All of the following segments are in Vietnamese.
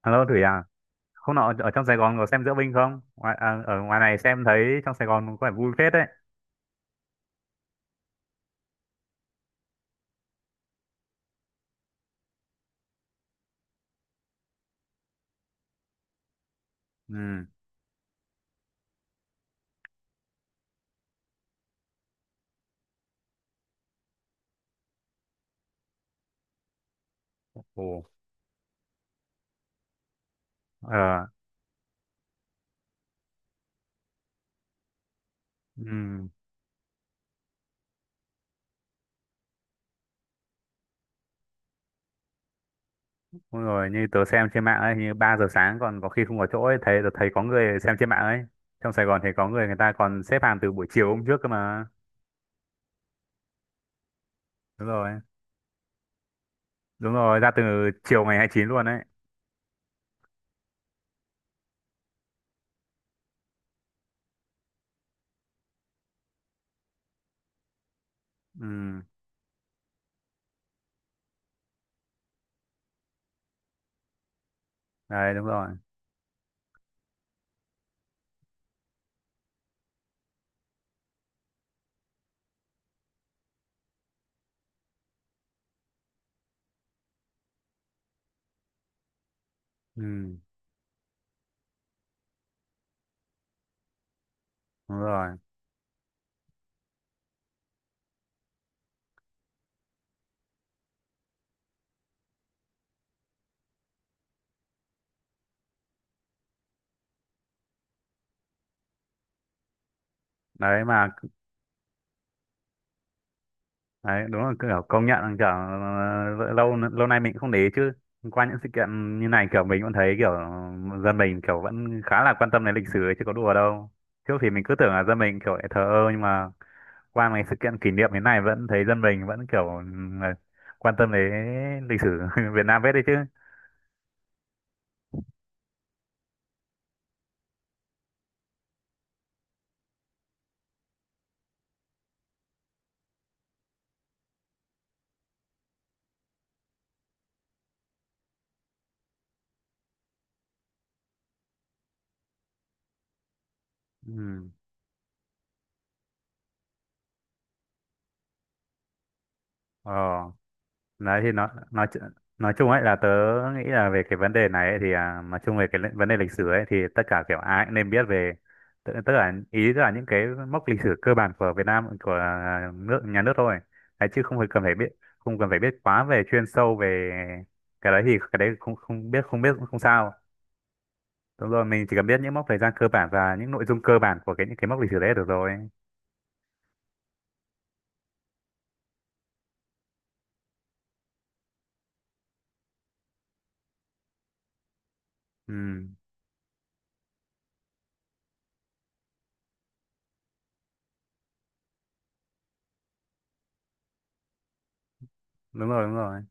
Alo Thủy à, hôm nọ ở trong Sài Gòn có xem diễu binh không? Ở ngoài này xem thấy trong Sài Gòn có vẻ vui phết đấy. Ừ. Ồ. Ờ. Ừ. Đúng rồi, như tớ xem trên mạng ấy, như 3 giờ sáng còn có khi không có chỗ ấy, thấy tớ thấy có người xem trên mạng ấy. Trong Sài Gòn thì có người người ta còn xếp hàng từ buổi chiều hôm trước cơ mà. Đúng rồi. Đúng rồi, ra từ chiều ngày 29 luôn đấy. Ừ. Đấy, đúng rồi. Ừ. Đúng rồi. Đấy mà đấy, đúng là kiểu công nhận là kiểu lâu lâu nay mình cũng không để ý chứ qua những sự kiện như này kiểu mình vẫn thấy kiểu dân mình kiểu vẫn khá là quan tâm đến lịch sử ấy, chứ có đùa đâu. Trước thì mình cứ tưởng là dân mình kiểu lại thờ ơ nhưng mà qua mấy sự kiện kỷ niệm thế này vẫn thấy dân mình vẫn kiểu ừ, quan tâm đến lịch sử Việt Nam hết đấy chứ. Ừ. Ờ. Đấy thì nó nói chu- Nói chung ấy là tớ nghĩ là về cái vấn đề này ấy, thì nói chung về cái vấn đề lịch sử ấy thì tất cả kiểu ai cũng nên biết về. Tức là những cái mốc lịch sử cơ bản của Việt Nam của à, nước nhà nước thôi. Đấy, chứ không phải cần phải biết, không cần phải biết quá về chuyên sâu về cái đấy thì cái đấy không không biết, không biết cũng không sao. Đúng rồi, mình chỉ cần biết những mốc thời gian cơ bản và những nội dung cơ bản của cái những cái mốc lịch sử đấy là được rồi. Ừ, đúng rồi, đúng rồi.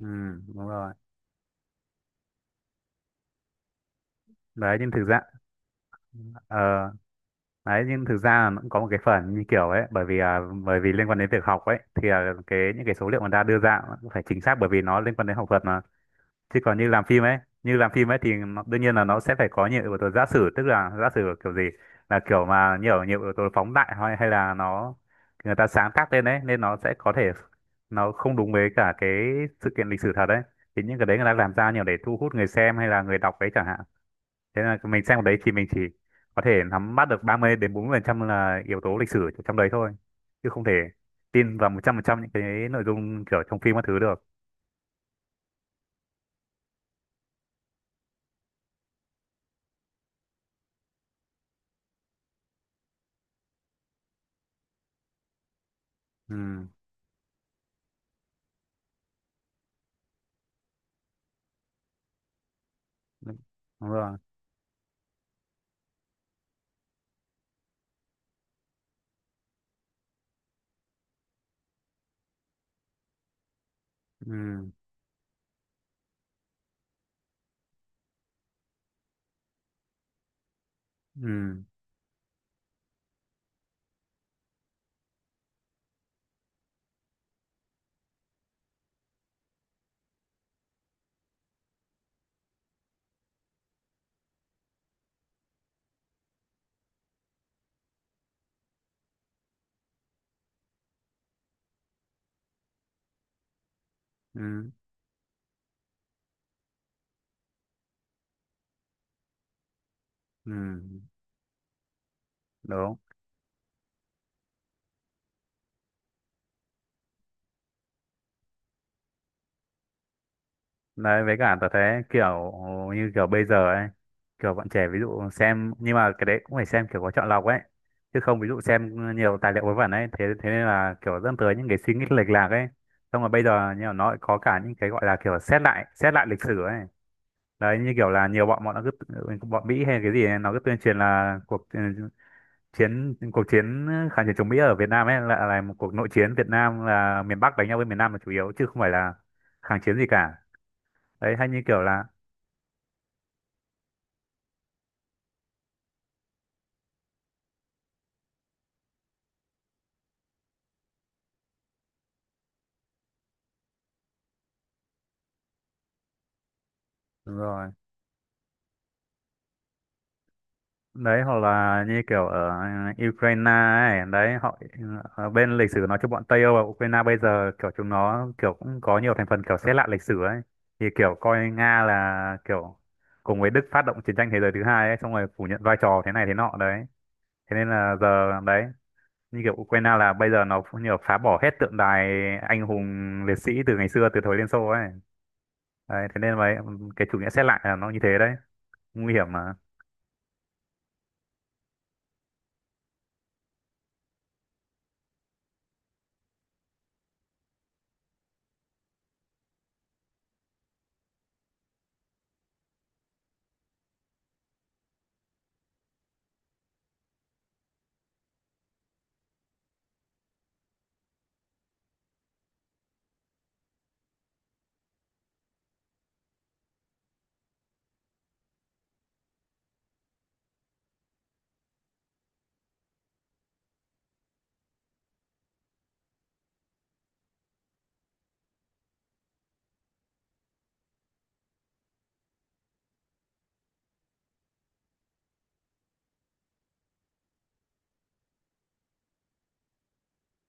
Ừ, đúng rồi. Đấy nhưng thực ra, ờ, đấy nhưng thực ra nó cũng có một cái phần như kiểu ấy bởi vì bởi vì liên quan đến việc học ấy thì cái những cái số liệu người ta đưa ra cũng phải chính xác bởi vì nó liên quan đến học thuật mà. Chứ còn như làm phim ấy, như làm phim ấy thì nó, đương nhiên là nó sẽ phải có nhiều yếu tố giả sử, tức là giả sử kiểu gì là kiểu mà nhiều nhiều yếu tố phóng đại, hay hay là nó người ta sáng tác lên ấy nên nó sẽ có thể nó không đúng với cả cái sự kiện lịch sử thật đấy. Thì những cái đấy người ta làm ra nhiều để thu hút người xem hay là người đọc đấy chẳng hạn. Thế là mình xem ở đấy thì mình chỉ có thể nắm bắt được 30 đến 40% là yếu tố lịch sử trong đấy thôi, chứ không thể tin vào 100% những cái nội dung kiểu trong phim các thứ được. Ừ, đúng rồi. Ừ ừ. Ừ. Ừ. Ừ, đúng. Đấy, với cả tớ thấy kiểu như kiểu bây giờ ấy, kiểu bọn trẻ ví dụ xem, nhưng mà cái đấy cũng phải xem kiểu có chọn lọc ấy. Chứ không ví dụ xem nhiều tài liệu vớ vẩn ấy, thế thế nên là kiểu dẫn tới những cái suy nghĩ lệch lạc ấy. Xong rồi bây giờ như kiểu nó lại có cả những cái gọi là kiểu xét lại lịch sử ấy. Đấy, như kiểu là nhiều bọn bọn nó cứ, bọn Mỹ hay cái gì ấy, nó cứ tuyên truyền là cuộc chiến kháng chiến chống Mỹ ở Việt Nam ấy là một cuộc nội chiến, Việt Nam là miền Bắc đánh nhau với miền Nam là chủ yếu chứ không phải là kháng chiến gì cả. Đấy hay như kiểu là đúng rồi, đấy hoặc là như kiểu ở Ukraine ấy đấy họ ở bên lịch sử nói chung bọn Tây Âu và Ukraine bây giờ kiểu chúng nó kiểu cũng có nhiều thành phần kiểu xếp lại lịch sử ấy, thì kiểu coi Nga là kiểu cùng với Đức phát động chiến tranh thế giới thứ hai ấy xong rồi phủ nhận vai trò thế này thế nọ đấy. Thế nên là giờ đấy như kiểu Ukraine là bây giờ nó cũng nhiều phá bỏ hết tượng đài anh hùng liệt sĩ từ ngày xưa từ thời Liên Xô ấy. Đấy thế nên vậy cái chủ nghĩa xét lại là nó như thế đấy, nguy hiểm mà.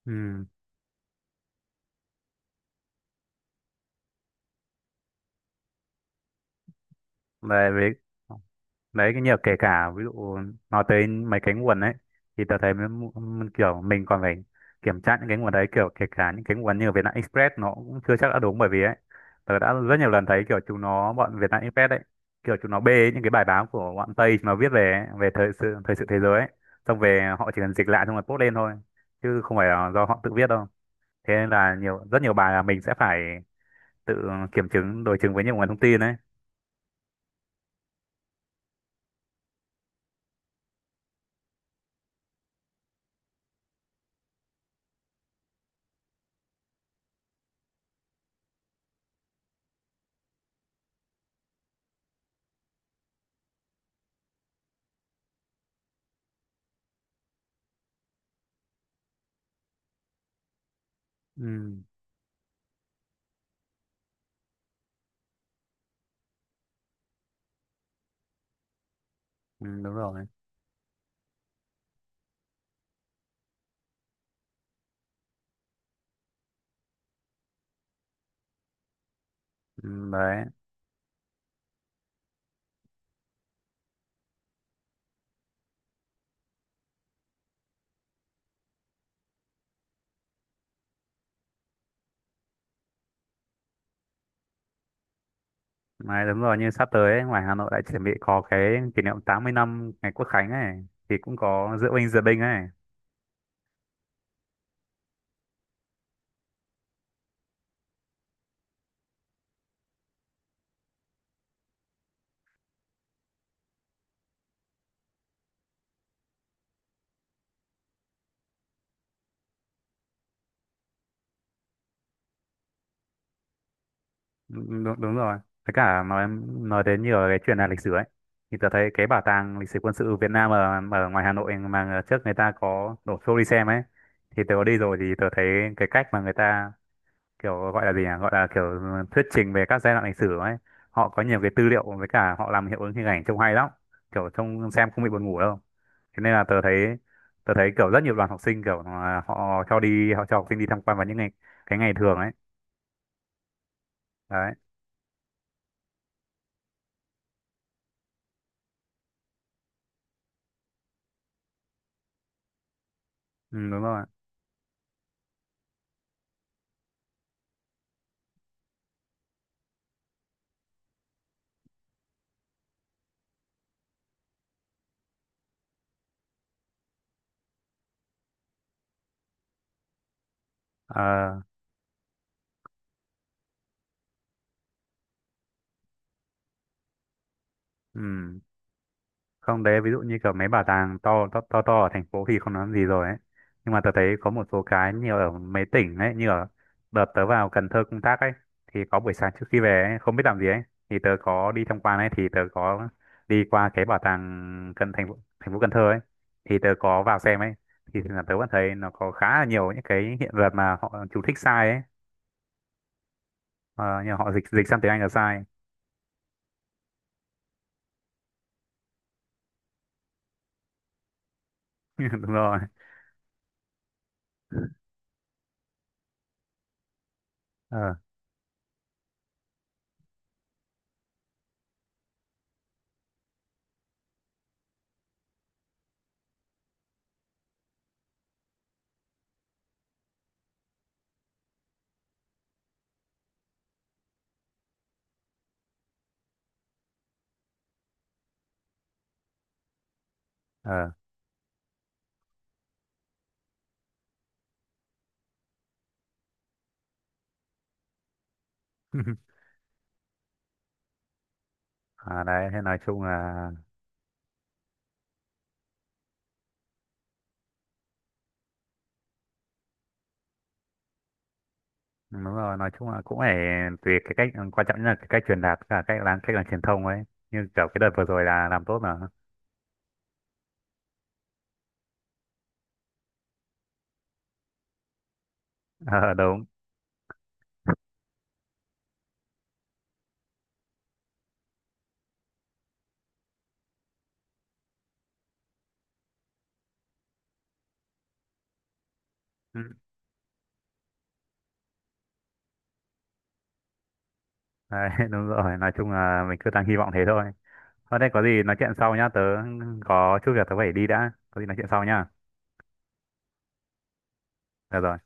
Ừ. Về với đấy cái nhiều kể cả ví dụ nói tới mấy cái nguồn ấy thì tớ thấy kiểu mình còn phải kiểm tra những cái nguồn đấy kiểu kể cả những cái nguồn như ở Vietnam Express nó cũng chưa chắc đã đúng bởi vì ấy tớ đã rất nhiều lần thấy kiểu chúng nó bọn Vietnam Express ấy kiểu chúng nó bê những cái bài báo của bọn Tây mà viết về ấy, về thời sự thế giới ấy, xong về họ chỉ cần dịch lại xong rồi post lên thôi chứ không phải là do họ tự viết đâu. Thế nên là nhiều rất nhiều bài là mình sẽ phải tự kiểm chứng đối chứng với nhiều nguồn thông tin đấy. Ừ, ừ đúng rồi. Ừ, đấy. Mà đúng rồi như sắp tới ấy, ngoài Hà Nội lại chuẩn bị có cái kỷ niệm 80 năm ngày Quốc Khánh ấy thì cũng có diễu binh ấy. Đúng, đúng đúng rồi. Với cả nói đến nhiều cái chuyện là lịch sử ấy thì tớ thấy cái bảo tàng lịch sử quân sự Việt Nam ở, ở ngoài Hà Nội mà trước người ta có đổ xô đi xem ấy thì tớ có đi rồi thì tớ thấy cái cách mà người ta kiểu gọi là gì nhỉ, gọi là kiểu thuyết trình về các giai đoạn lịch sử ấy, họ có nhiều cái tư liệu với cả họ làm hiệu ứng hình ảnh trông hay lắm, kiểu trông xem không bị buồn ngủ đâu. Thế nên là tớ thấy kiểu rất nhiều đoàn học sinh kiểu là họ cho đi họ cho học sinh đi tham quan vào những ngày cái ngày thường ấy. Đấy. Ừ, đúng rồi. Ờ. Ừ. Không đấy ví dụ như kiểu mấy bảo tàng to ở thành phố thì không nói gì rồi ấy, nhưng mà tớ thấy có một số cái như ở mấy tỉnh ấy, như ở đợt tớ vào Cần Thơ công tác ấy thì có buổi sáng trước khi về ấy, không biết làm gì ấy, thì tớ có đi tham quan ấy thì tớ có đi qua cái bảo tàng cần thành phố Cần Thơ ấy thì tớ có vào xem ấy thì là tớ vẫn thấy nó có khá là nhiều những cái hiện vật mà họ chú thích sai ấy, ờ, như họ dịch dịch sang tiếng Anh là sai. Đúng rồi. Ờ ờ. À, đấy thế nói chung là đúng rồi, nói chung là cũng phải tùy cái cách quan trọng nhất là cái cách truyền đạt và cách làm truyền thông ấy, như kiểu cái đợt vừa rồi là làm tốt mà. Ờ, đúng. Ừ. Đấy, đúng rồi nói chung là mình cứ đang hy vọng thế thôi. Thôi đây có gì nói chuyện sau nhá, tớ có chút việc tớ phải đi đã, có gì nói chuyện sau nhá. Được rồi.